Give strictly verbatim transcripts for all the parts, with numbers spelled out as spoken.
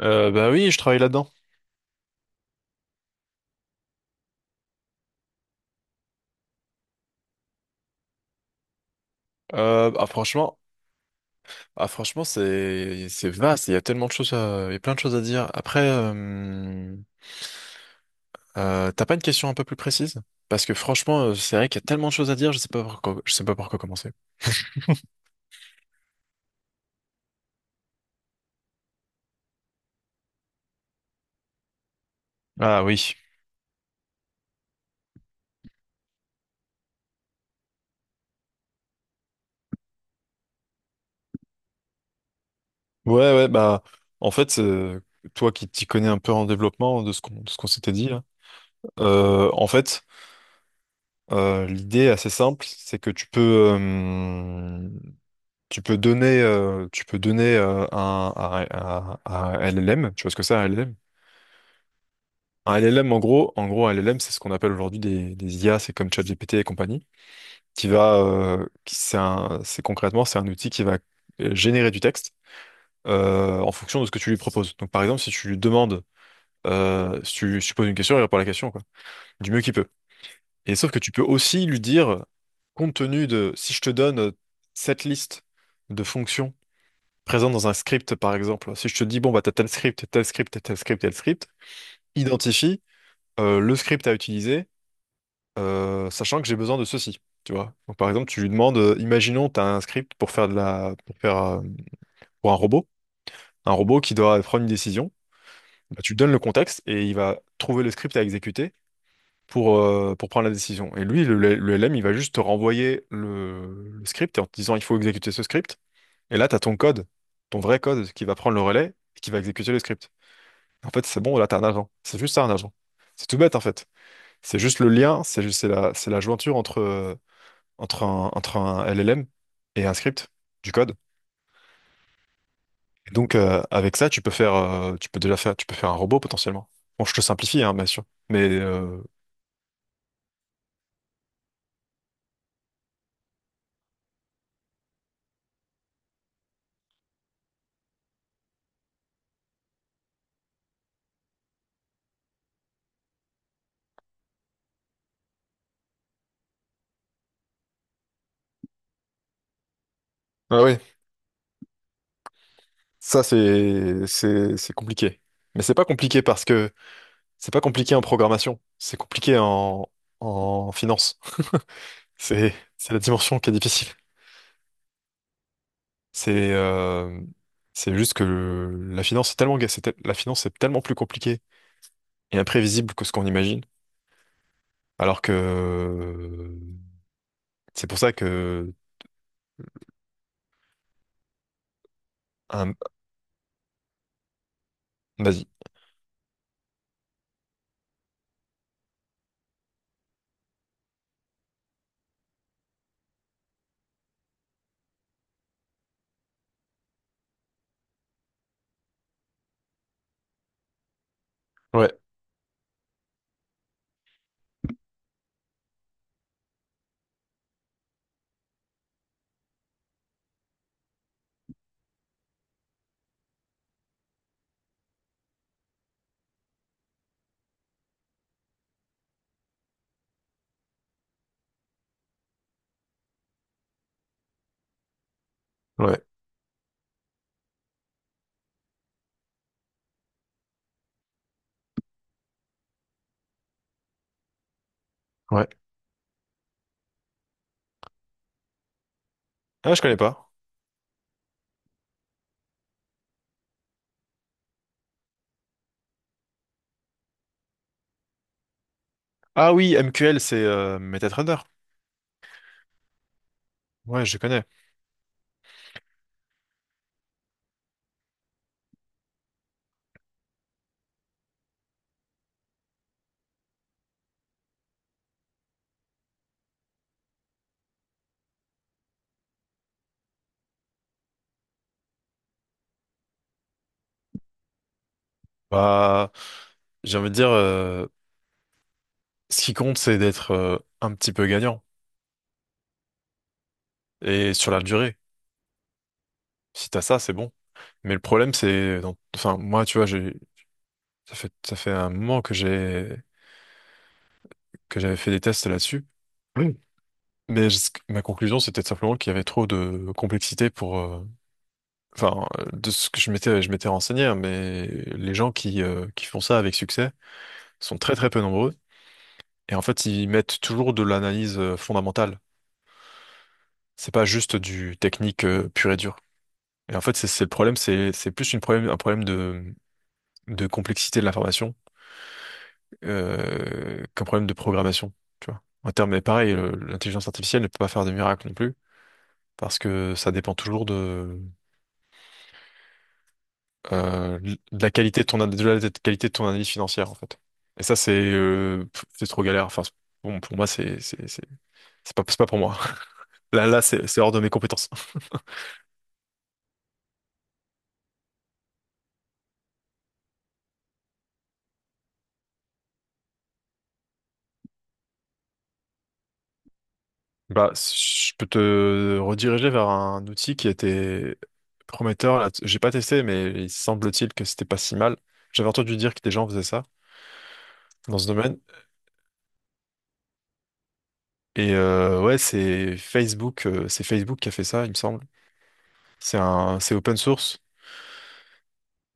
Euh, bah oui, je travaille là-dedans. Euh, ah franchement, ah franchement, c'est c'est vaste. Il y a tellement de choses, à- il y a plein de choses à dire. Après, euh, euh, t'as pas une question un peu plus précise? Parce que franchement, euh, c'est vrai qu'il y a tellement de choses à dire. Je sais pas par quoi, je sais pas par quoi commencer. Ah oui. Ouais, ouais. Bah, en fait, euh, toi qui t'y connais un peu en développement de ce qu'on de ce qu'on s'était dit là, euh, en fait, euh, l'idée assez simple, c'est que tu peux. euh, Tu peux donner, euh, tu peux donner euh, un, à, à- à L L M. Tu vois ce que c'est, un L L M? Un L L M, en gros, en gros, un L L M, c'est ce qu'on appelle aujourd'hui des, des I A, c'est comme ChatGPT et compagnie, qui va, euh, qui- c'est un- c'est concrètement, c'est un outil qui va euh, générer du texte euh, en fonction de ce que tu lui proposes. Donc, par exemple, si tu lui demandes, euh, si tu, si tu poses une question, il répond à la question, quoi, du mieux qu'il peut. Et sauf que tu peux aussi lui dire, compte tenu de, si je te donne euh, cette liste de fonctions présent dans un script, par exemple. Si je te dis, bon, bah, t'as tel script, tel script, tel script, tel script, identifie euh, le script à utiliser, euh, sachant que j'ai besoin de ceci, tu vois. Donc, par exemple, tu lui demandes, euh, imaginons, t'as un script pour faire de la, pour faire, euh, pour un robot, un robot qui doit prendre une décision. Bah, tu donnes le contexte et il va trouver le script à exécuter pour, euh, pour prendre la décision. Et lui, le, le L M, il va juste te renvoyer le, le script en te disant, il faut exécuter ce script. Et là, t'as ton code, ton vrai code qui va prendre le relais et qui va exécuter le script. En fait, c'est bon, là, t'as un agent. C'est juste ça, un agent. C'est tout bête, en fait. C'est juste le lien, c'est juste, c'est la, c'est la jointure entre, euh, entre un, entre un L L M et un script, du code. Et donc, euh, avec ça, tu peux faire, euh, tu peux déjà faire, tu peux faire un robot potentiellement. Bon, je te simplifie, hein, bien sûr. Mais, euh, ah oui, ça, c'est, c'est, c'est compliqué. Mais c'est pas compliqué parce que c'est pas compliqué en programmation. C'est compliqué en, en finance. C'est, c'est la dimension qui est difficile. C'est euh, c'est juste que le- la finance est tellement ga- c'est tel- la finance est tellement plus compliquée et imprévisible que ce qu'on imagine. Alors que euh, c'est pour ça que un- vas-y. Ouais, ouais, ouais. Ah, je connais pas. Ah oui, M Q L, c'est euh, MetaTrader. Ouais, je connais. Bah, j'ai envie de dire, euh, ce qui compte, c'est d'être euh, un petit peu gagnant. Et sur la durée, si t'as ça, c'est bon. Mais le problème, c'est, dans- enfin, moi, tu vois, j'ai, ça fait, ça fait un moment que j'ai, que j'avais fait des tests là-dessus. Oui. Mais je- ma conclusion, c'était simplement qu'il y avait trop de complexité pour, euh, enfin, euh, de ce que je m'étais, je m'étais renseigné, hein, mais les gens qui, euh, qui font ça avec succès sont très très peu nombreux. Et en fait, ils mettent toujours de l'analyse euh, fondamentale. C'est pas juste du technique euh, pur et dur. Et en fait, c'est c'est le problème, c'est c'est plus une problème, un problème de, de complexité de l'information euh, qu'un problème de programmation, tu vois. En termes, mais pareil, le- l'intelligence artificielle ne peut pas faire de miracles non plus, parce que ça dépend toujours de, euh, de la qualité de ton, an- de la qualité de ton analyse financière, en fait. Et ça, c'est euh, pff, c'est trop galère. Enfin, c'est- bon, pour moi, c'est c'est c'est- c'est pas, c'est pas pour moi. Là, là, c'est c'est hors de mes compétences. Bah, je peux te rediriger vers un outil qui était prometteur. Là. J'ai pas testé, mais il semble-t-il que c'était pas si mal. J'avais entendu dire que des gens faisaient ça dans ce domaine. Et euh, ouais, c'est Facebook, euh, c'est Facebook qui a fait ça, il me semble. C'est un, c'est open source.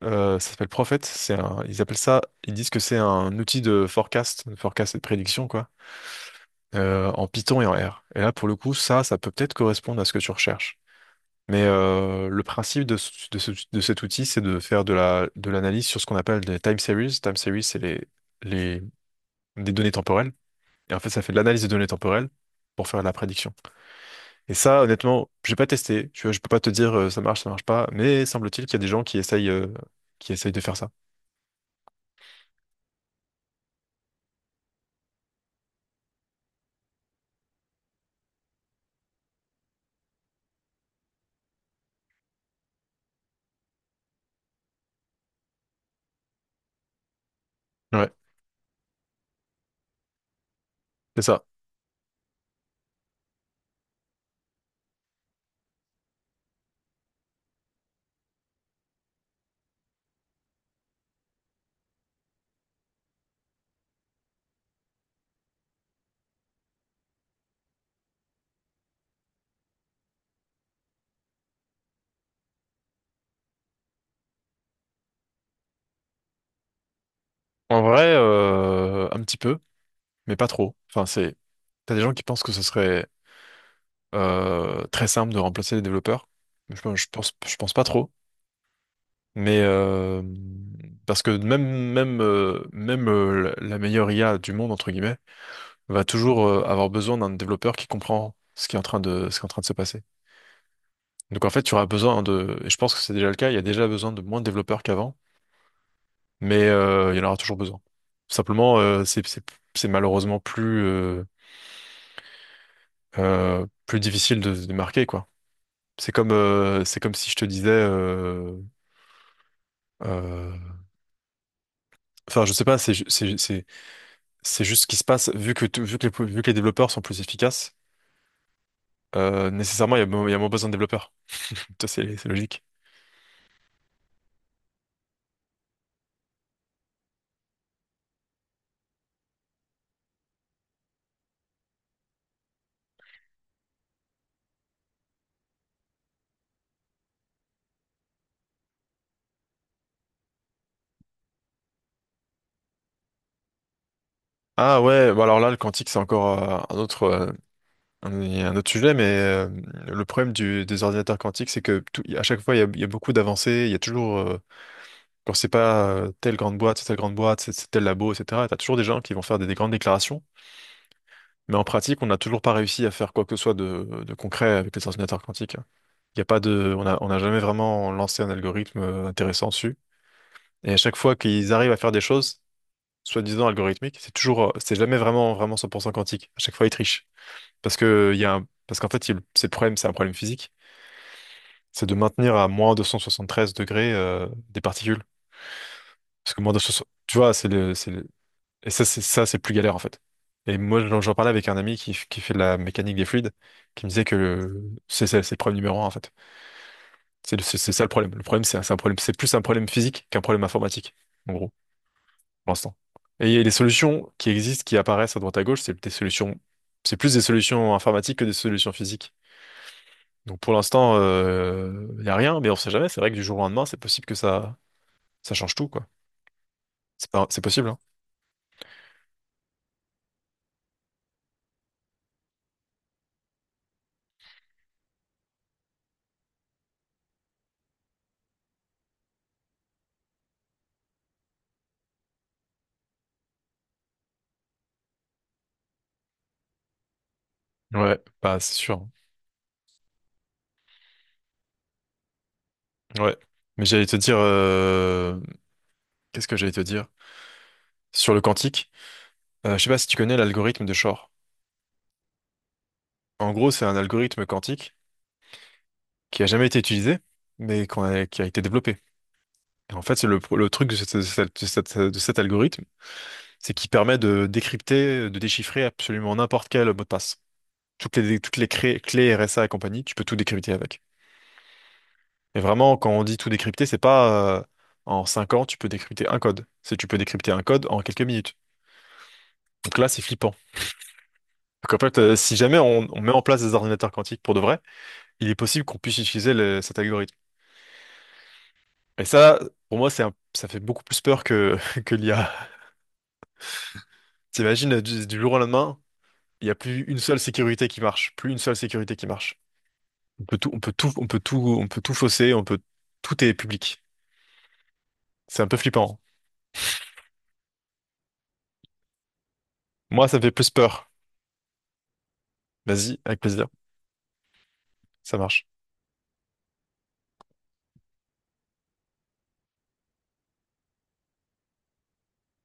Euh, ça s'appelle Prophet. C'est un, ils appellent ça, ils disent que c'est un outil de forecast, de forecast et de prédiction, quoi, euh, en Python et en R. Et là, pour le coup, ça, ça peut peut-être correspondre à ce que tu recherches. Mais euh, le principe de, ce- de, ce- de cet outil, c'est de faire de la, de l'analyse sur ce qu'on appelle des time series. Time series, c'est les, les, des données temporelles. Et en fait, ça fait de l'analyse des données temporelles pour faire de la prédiction. Et ça, honnêtement, j'ai pas testé. Je, je peux pas te dire euh, ça marche, ça marche pas. Mais semble-t-il qu'il y a des gens qui essayent, euh, qui essayent de faire ça. Ouais, c'est ça. En vrai, euh, un petit peu, mais pas trop. Enfin, c'est, t'as des gens qui pensent que ce serait euh, très simple de remplacer les développeurs. Je, je pense, je pense pas trop. Mais euh, parce que même même euh, même euh, la la meilleure I A du monde entre guillemets va toujours euh, avoir besoin d'un développeur qui comprend ce qui est en train de ce qui est en train de se passer. Donc en fait, tu auras besoin de et je pense que c'est déjà le cas, il y a déjà besoin de moins de développeurs qu'avant, mais euh, il y en aura toujours besoin. Simplement euh, c'est c'est c'est malheureusement plus euh, euh, plus difficile de se démarquer quoi. C'est comme euh, c'est comme si je te disais euh, euh, enfin je sais pas c'est c'est c'est C'est juste ce qui se passe, vu que, tout- vu que, les, vu que les développeurs sont plus efficaces, euh, nécessairement, il y a, mo- il y a moins besoin de développeurs. Ça, c'est c'est logique. Ah ouais, bah alors là, le quantique, c'est encore euh, un autre, euh, un, un autre sujet, mais euh, le problème du- des ordinateurs quantiques, c'est que tout- à chaque fois, il y a, il y a beaucoup d'avancées, il y a toujours, euh, quand c'est pas euh, telle grande boîte, c'est telle grande boîte, c'est c'est tel labo, et cetera, t'as toujours des gens qui vont faire des, des grandes déclarations, mais en pratique, on n'a toujours pas réussi à faire quoi que ce soit de, de concret avec les ordinateurs quantiques. Il y a pas de, on a, on n'a jamais vraiment lancé un algorithme euh, intéressant dessus. Et à chaque fois qu'ils arrivent à faire des choses, soi-disant algorithmiques, c'est toujours, euh, c'est jamais vraiment, vraiment cent pour cent quantique. À chaque fois, ils trichent. Parce que, il y a un- parce qu'en fait, il- c'est le problème, c'est un problème physique. C'est de maintenir à moins deux cent soixante-treize degrés, euh, des particules. Parce que moins deux cent soixante-treize, tu vois, c'est le, c'est le- et ça, c'est, ça, c'est plus galère, en fait. Et moi, j'en j'en parlais avec un ami qui, f- qui fait de la mécanique des fluides, qui me disait que le- c'est, c'est c'est le problème numéro un, en fait. C'est le- c'est- c'est ça le problème. Le problème, c'est un c'est un problème, c'est plus un problème physique qu'un problème informatique, en gros, pour l'instant. Et les solutions qui existent, qui apparaissent à droite à gauche, c'est des solutions, c'est plus des solutions informatiques que des solutions physiques. Donc pour l'instant, il n'y a rien, mais on sait jamais. C'est vrai que du jour au lendemain, c'est possible que ça, ça change tout, quoi. C'est pas, c'est possible, hein. Ouais, bah c'est sûr. Hein. Ouais. Mais j'allais te dire, euh, qu'est-ce que j'allais te dire? Sur le quantique, euh, je sais pas si tu connais l'algorithme de Shor. En gros, c'est un algorithme quantique qui a jamais été utilisé, mais qu'on a- qui a été développé. Et en fait, c'est le, le truc de, cette- de cette- de cette- de cet algorithme, c'est qu'il permet de décrypter, de déchiffrer absolument n'importe quel mot de passe. Toutes les, toutes les cré- clés R S A et compagnie, tu peux tout décrypter avec. Et vraiment, quand on dit tout décrypter, c'est pas euh, en cinq ans, tu peux décrypter un code. C'est tu peux décrypter un code en quelques minutes. Donc là, c'est flippant. Donc en fait, euh, si jamais on, on met en place des ordinateurs quantiques pour de vrai, il est possible qu'on puisse utiliser le- cet algorithme. Et ça, pour moi, c'est un- ça fait beaucoup plus peur que, que l'I A. T'imagines, du, du jour au lendemain, il n'y a plus une seule sécurité qui marche, plus une seule sécurité qui marche. On peut tout, on peut tout, on peut tout, on peut tout fausser, on peut, tout est public. C'est un peu flippant. Moi, ça me fait plus peur. Vas-y, avec plaisir. Ça marche.